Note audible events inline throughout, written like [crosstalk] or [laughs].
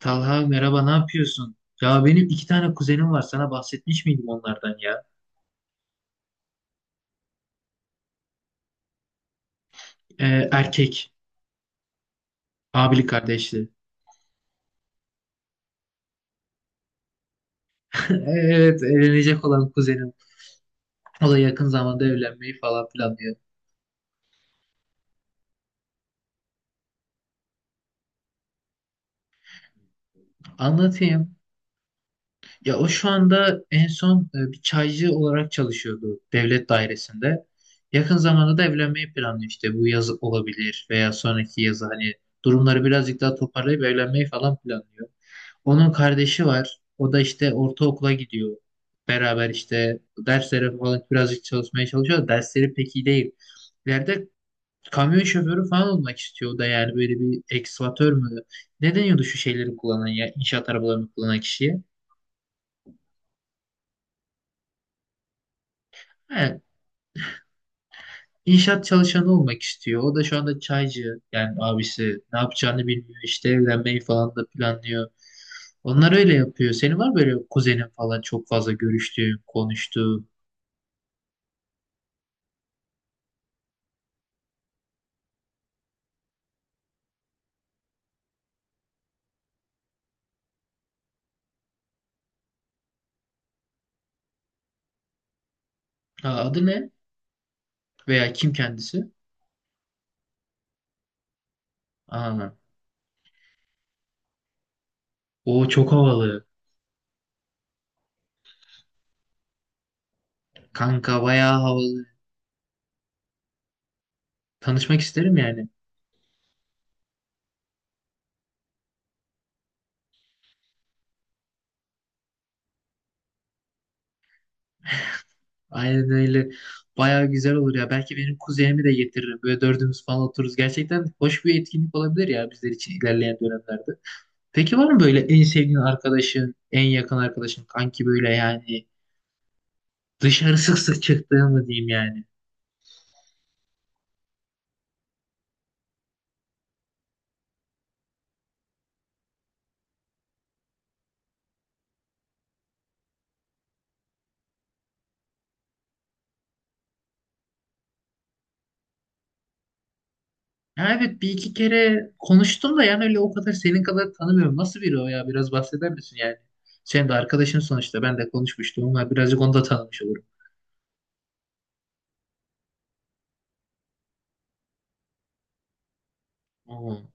Talha merhaba, ne yapıyorsun? Ya benim iki tane kuzenim var. Sana bahsetmiş miydim onlardan ya? Erkek. Abili kardeşli. [laughs] Evet, evlenecek olan kuzenim. O da yakın zamanda evlenmeyi falan planlıyor. Anlatayım. Ya o şu anda en son bir çaycı olarak çalışıyordu devlet dairesinde. Yakın zamanda da evlenmeyi planlıyor işte. Bu yaz olabilir veya sonraki yaz, hani durumları birazcık daha toparlayıp evlenmeyi falan planlıyor. Onun kardeşi var. O da işte ortaokula gidiyor. Beraber işte derslere falan birazcık çalışmaya çalışıyor. Dersleri pek iyi değil. İleride kamyon şoförü falan olmak istiyor. O da yani böyle bir ekskavatör mü? Ne deniyordu şu şeyleri kullanan ya? İnşaat arabalarını kullanan kişiye. He, inşaat çalışanı olmak istiyor. O da şu anda çaycı. Yani abisi ne yapacağını bilmiyor. İşte evlenmeyi falan da planlıyor. Onlar öyle yapıyor. Senin var mı böyle kuzenin falan çok fazla görüştüğün, konuştuğun? Ha, adı ne? Veya kim kendisi? Aa, o çok havalı. Kanka bayağı havalı. Tanışmak isterim yani. Aynen öyle. Bayağı güzel olur ya. Belki benim kuzenimi de getiririm. Böyle dördümüz falan otururuz. Gerçekten hoş bir etkinlik olabilir ya bizler için ilerleyen dönemlerde. Peki var mı böyle en sevdiğin arkadaşın, en yakın arkadaşın, kanki, böyle yani dışarı sık sık çıktığın mı diyeyim yani? Ya evet, bir iki kere konuştum da yani öyle o kadar senin kadar tanımıyorum. Nasıl biri o ya? Biraz bahseder misin yani? Sen de arkadaşın sonuçta. Ben de konuşmuştum. Onlar birazcık onu da tanımış olurum. Hmm.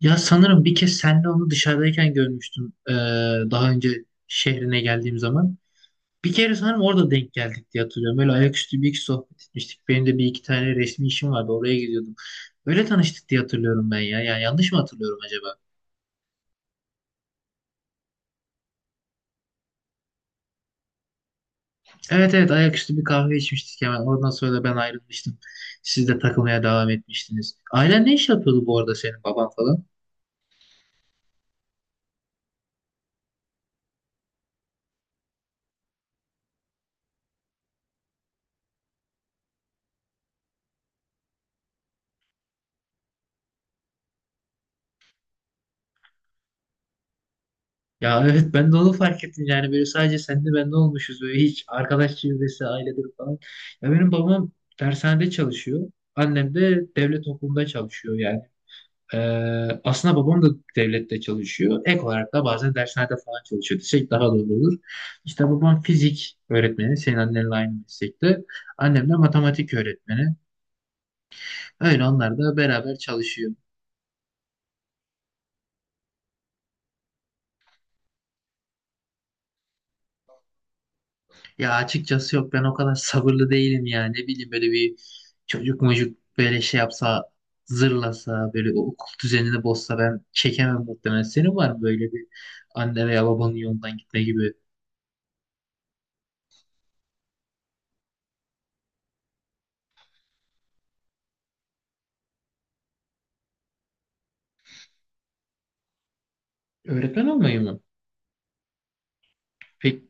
Ya sanırım bir kez senle onu dışarıdayken görmüştüm. Daha önce şehrine geldiğim zaman. Bir kere sanırım orada denk geldik diye hatırlıyorum. Böyle ayaküstü bir iki sohbet etmiştik. Benim de bir iki tane resmi işim vardı. Oraya gidiyordum. Öyle tanıştık diye hatırlıyorum ben ya. Ya yanlış mı hatırlıyorum acaba? Evet evet, ayaküstü bir kahve içmiştik hemen. Ondan sonra da ben ayrılmıştım. Siz de takılmaya devam etmiştiniz. Ailen ne iş yapıyordu bu arada, senin baban falan? Ya evet, ben de onu fark ettim yani, böyle sadece sen de ben de olmuşuz böyle, hiç arkadaş çevresi ailedir falan. Ya benim babam dershanede çalışıyor. Annem de devlet okulunda çalışıyor yani. Ee, Aslında babam da devlette çalışıyor. Ek olarak da bazen dershanede falan çalışıyor desek daha doğru olur. İşte babam fizik öğretmeni, senin annenle aynı meslekte. Annem de matematik öğretmeni. Öyle, onlar da beraber çalışıyor. Ya açıkçası yok, ben o kadar sabırlı değilim yani. Ne bileyim, böyle bir çocuk mucuk böyle şey yapsa, zırlasa, böyle o okul düzenini bozsa ben çekemem muhtemelen. Senin var mı böyle bir anne veya babanın yolundan gitme gibi? Öğretmen olmayı mı? Pek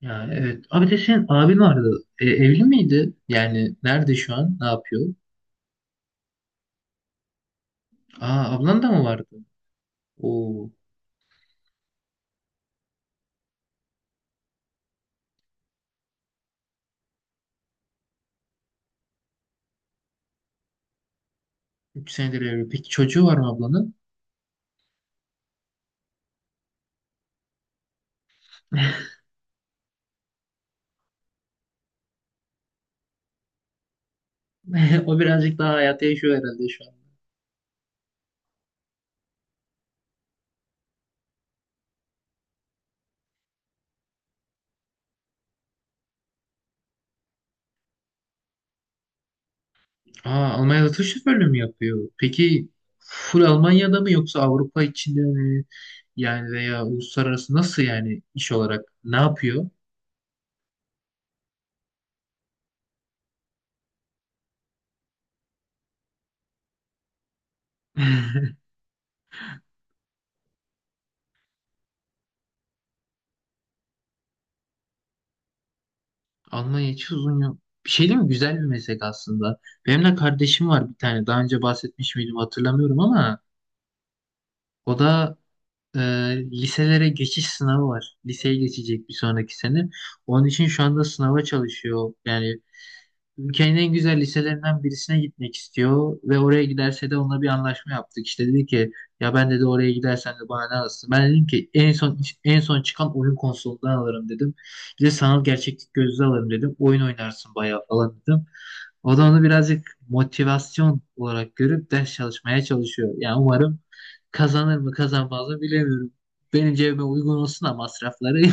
ya evet. Abi de, senin abin vardı. E, evli miydi? Yani nerede şu an? Ne yapıyor? Aa, ablan da mı vardı? Oo, üç senedir evli. Peki çocuğu var mı ablanın? [laughs] O birazcık daha hayata yaşıyor herhalde şu an. Aa, Almanya'da tır şoförlüğü mü yapıyor? Peki full Almanya'da mı, yoksa Avrupa içinde mi? Yani veya uluslararası, nasıl yani iş olarak ne yapıyor? [laughs] [clears throat] Almanya hiç uzun yok. Bir şey değil mi? Güzel bir meslek aslında. Benim de kardeşim var bir tane. Daha önce bahsetmiş miydim hatırlamıyorum ama o da e, liselere geçiş sınavı var. Liseye geçecek bir sonraki sene. Onun için şu anda sınava çalışıyor. Yani ülkenin en güzel liselerinden birisine gitmek istiyor ve oraya giderse de onunla bir anlaşma yaptık. İşte dedi ki, ya ben dedi, oraya gidersen de bana ne alırsın? Ben dedim ki, en son, en son çıkan oyun konsolundan alırım dedim. Bir de sanal gerçeklik gözlüğü alırım dedim. Oyun oynarsın bayağı falan dedim. O da onu birazcık motivasyon olarak görüp ders çalışmaya çalışıyor. Yani umarım, kazanır mı kazanmaz mı bilemiyorum. Benim cebime uygun olsun da masrafları. [laughs]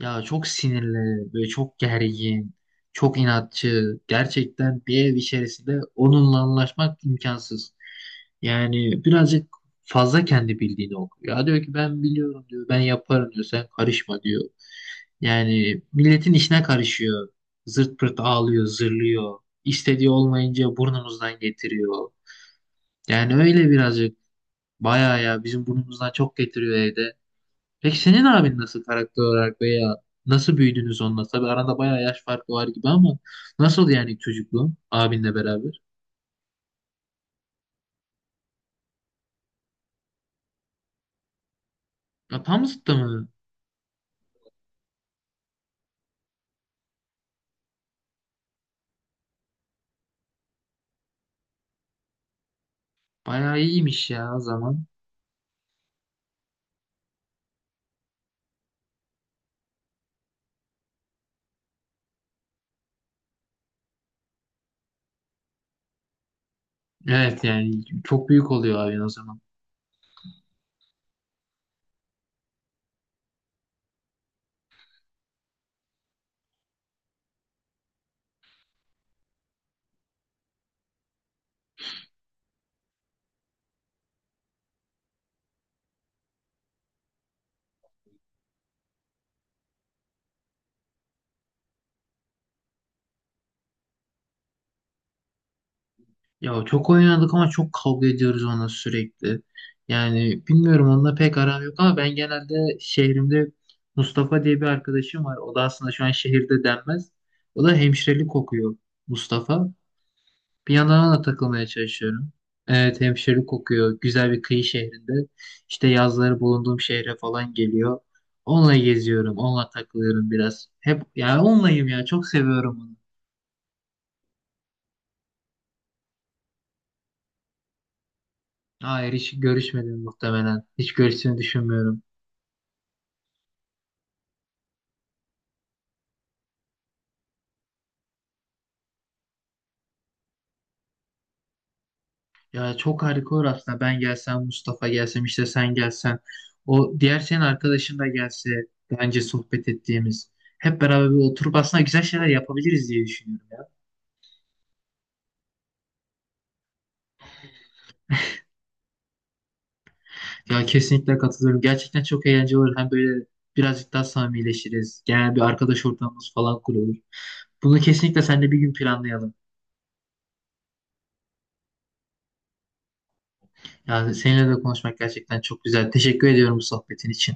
Ya çok sinirli, böyle çok gergin, çok inatçı. Gerçekten bir ev içerisinde onunla anlaşmak imkansız. Yani birazcık fazla kendi bildiğini okuyor. Ya diyor ki, ben biliyorum diyor, ben yaparım diyor, sen karışma diyor. Yani milletin işine karışıyor. Zırt pırt ağlıyor, zırlıyor. İstediği olmayınca burnumuzdan getiriyor. Yani öyle birazcık, bayağı ya, bizim burnumuzdan çok getiriyor evde. Peki senin abin nasıl karakter olarak, veya nasıl büyüdünüz onunla? Tabii arada bayağı yaş farkı var gibi ama nasıl yani çocukluğun abinle beraber? Ya tam zıttı mı? Bayağı iyiymiş ya o zaman. Evet, yani çok büyük oluyor abin o zaman. Ya çok oynadık ama çok kavga ediyoruz onunla sürekli. Yani bilmiyorum, onunla pek aram yok ama ben genelde şehrimde Mustafa diye bir arkadaşım var. O da aslında şu an şehirde denmez. O da hemşirelik okuyor, Mustafa. Bir yandan ona da takılmaya çalışıyorum. Evet, hemşirelik kokuyor. Güzel bir kıyı şehrinde. İşte yazları bulunduğum şehre falan geliyor. Onunla geziyorum. Onunla takılıyorum biraz. Hep yani onlayım ya. Çok seviyorum onu. Hayır, hiç görüşmedim muhtemelen. Hiç görüşsünü düşünmüyorum. Ya çok harika olur aslında. Ben gelsem, Mustafa gelsem, işte sen gelsen. O diğer senin arkadaşın da gelse. Bence sohbet ettiğimiz. Hep beraber bir oturup aslında güzel şeyler yapabiliriz diye düşünüyorum. Ya kesinlikle katılıyorum. Gerçekten çok eğlenceli olur. Hem böyle birazcık daha samimileşiriz. Genel bir arkadaş ortamımız falan kurulur. Bunu kesinlikle seninle bir gün planlayalım. Yani seninle de konuşmak gerçekten çok güzel. Teşekkür ediyorum bu sohbetin için.